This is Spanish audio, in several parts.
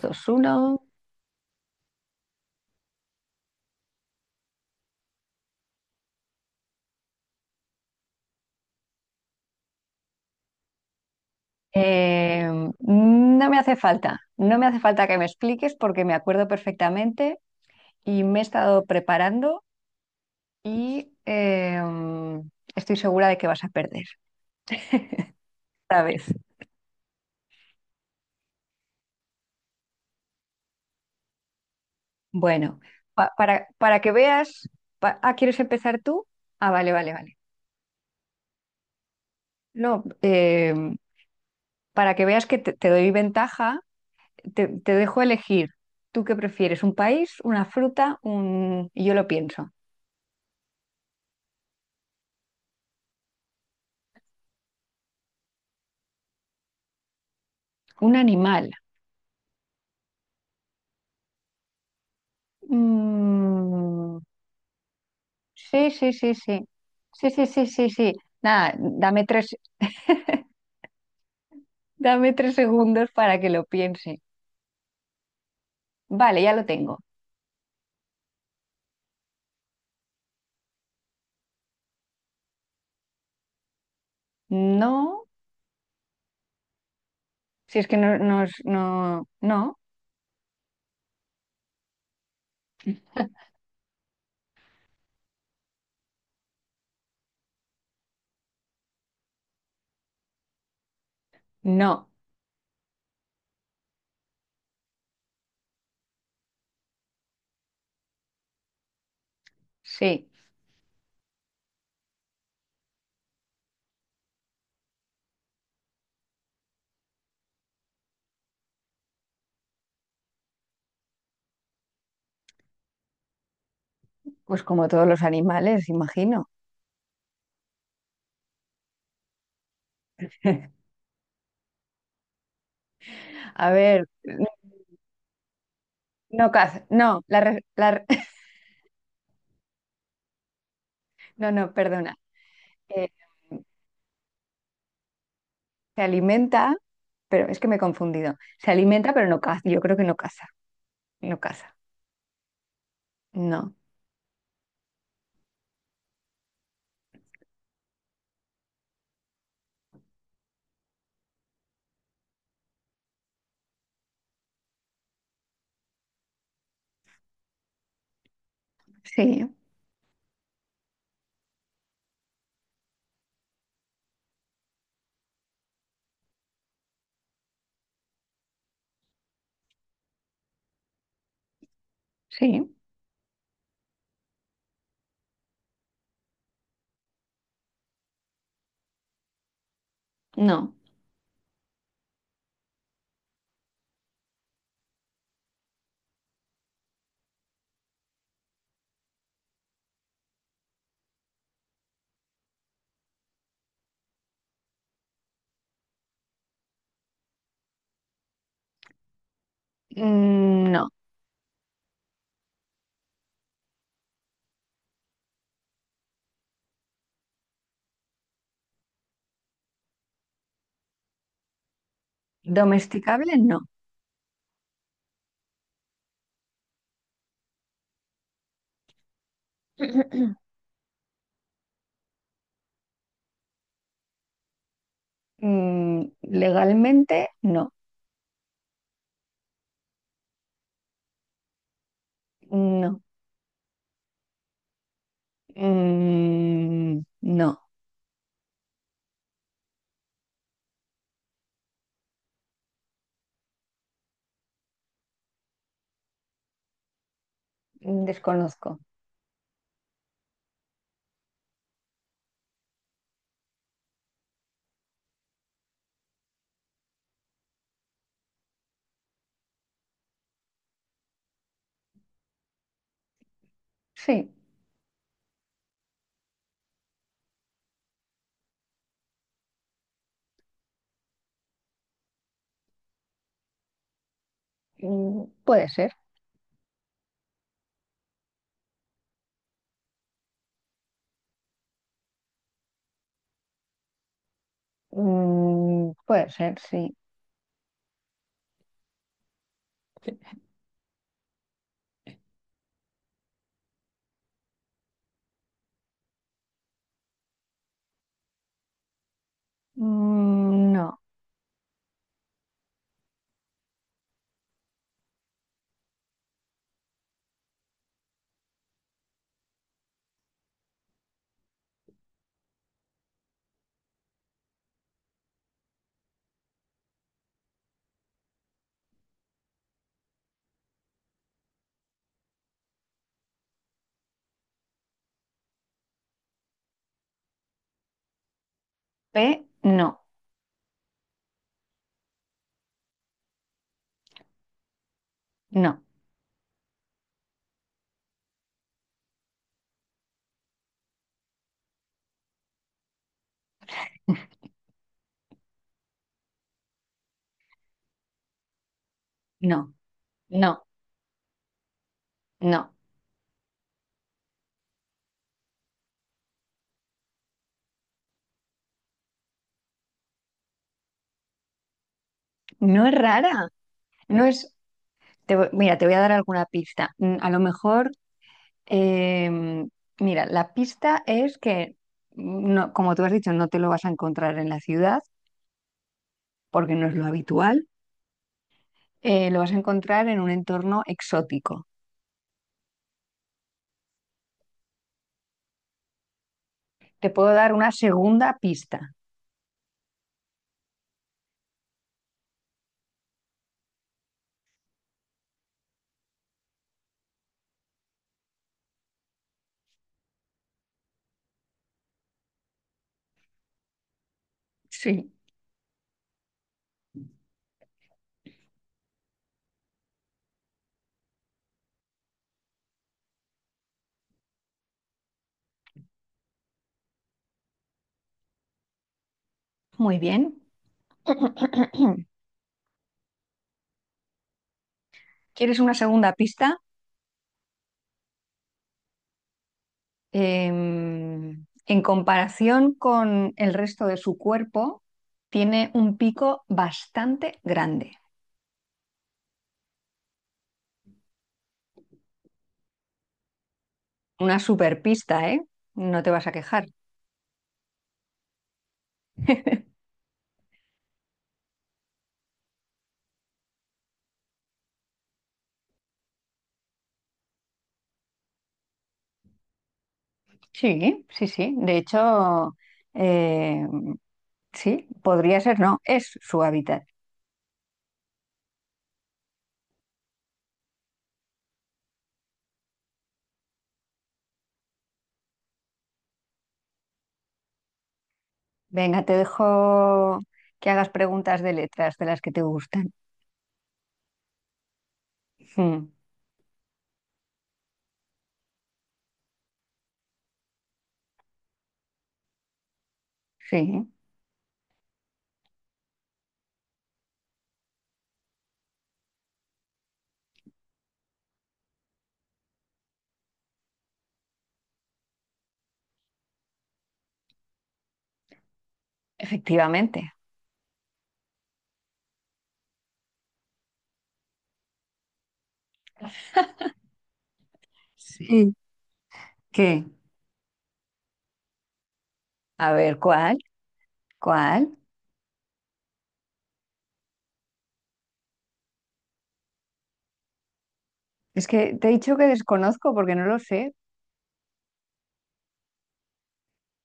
Dos, uno. Eh, no me hace falta, no me hace falta que me expliques porque me acuerdo perfectamente y me he estado preparando y estoy segura de que vas a perder esta vez. Bueno, para que veas, ¿quieres empezar tú? Ah, vale, vale, vale. No, para que veas que te doy ventaja, te dejo elegir. ¿Tú qué prefieres? ¿Un país, una fruta, un... y yo lo pienso, un animal? Mm, sí, sí, sí, sí. Sí, sí, sí, sí, sí. Nada, dame tres segundos para que lo piense. Vale, ya lo tengo. No, si es que no, no. Sí, pues como todos los animales, imagino. A ver, no caza, no, no, no, perdona. Eh, Se alimenta, pero es que me he confundido. Se alimenta, pero no caza. Yo creo que no caza, no caza. No, sí, sí. No, mm, no. Domesticable, no. Mm, legalmente, no. No. Mm, no. Desconozco. Sí. Mm, puede ser. Mm, puede ser, sí. Mm, no. P, no. No. No. No. No. No es rara. No es. Mira, te voy a dar alguna pista. Mm, a lo mejor Em, mira, la pista es que, no, como tú has dicho, no te lo vas a encontrar en la ciudad, porque no es lo habitual, lo vas a encontrar en un entorno exótico. Te puedo dar una segunda pista. Sí. Muy bien. ¿Quieres una segunda pista? Em, en comparación con el resto de su cuerpo, tiene un pico bastante grande. Una super pista, ¿eh? No te vas a quejar. Sí, sí, sí. De hecho, eh, sí, podría ser, no, es su hábitat. Venga, te dejo que hagas preguntas de letras de las que te gustan. Mm, sí, efectivamente. Sí. ¿Qué? A ver, ¿cuál? ¿Cuál? Es que te he dicho que desconozco porque no lo sé.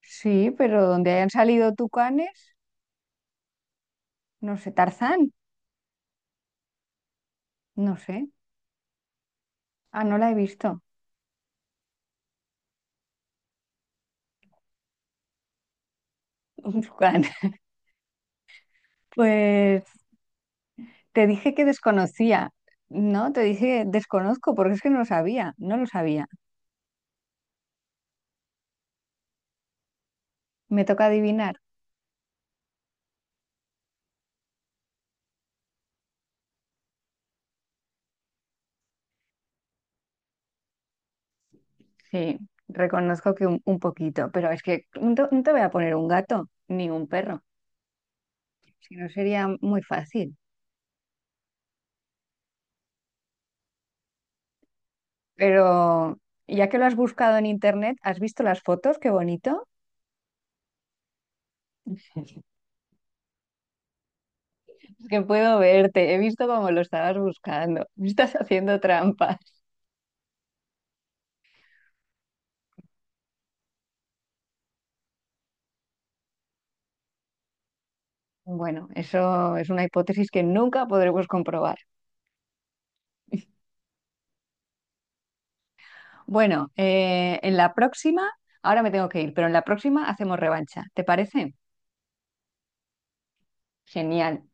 Sí, pero donde hayan salido tucanes, no sé, Tarzán, no sé. Ah, no la he visto. Un tucán. Pues te dije que desconocía, ¿no? Te dije desconozco porque es que no lo sabía, no lo sabía. Me toca adivinar. Sí, reconozco que un poquito, pero es que no te voy a poner un gato ni un perro, si no sería muy fácil. Pero ya que lo has buscado en internet, ¿has visto las fotos? Qué bonito. Es que puedo verte, he visto cómo lo estabas buscando. Estás haciendo trampas. Bueno, eso es una hipótesis que nunca podremos comprobar. Bueno, en la próxima, ahora me tengo que ir, pero en la próxima hacemos revancha. ¿Te parece? Genial.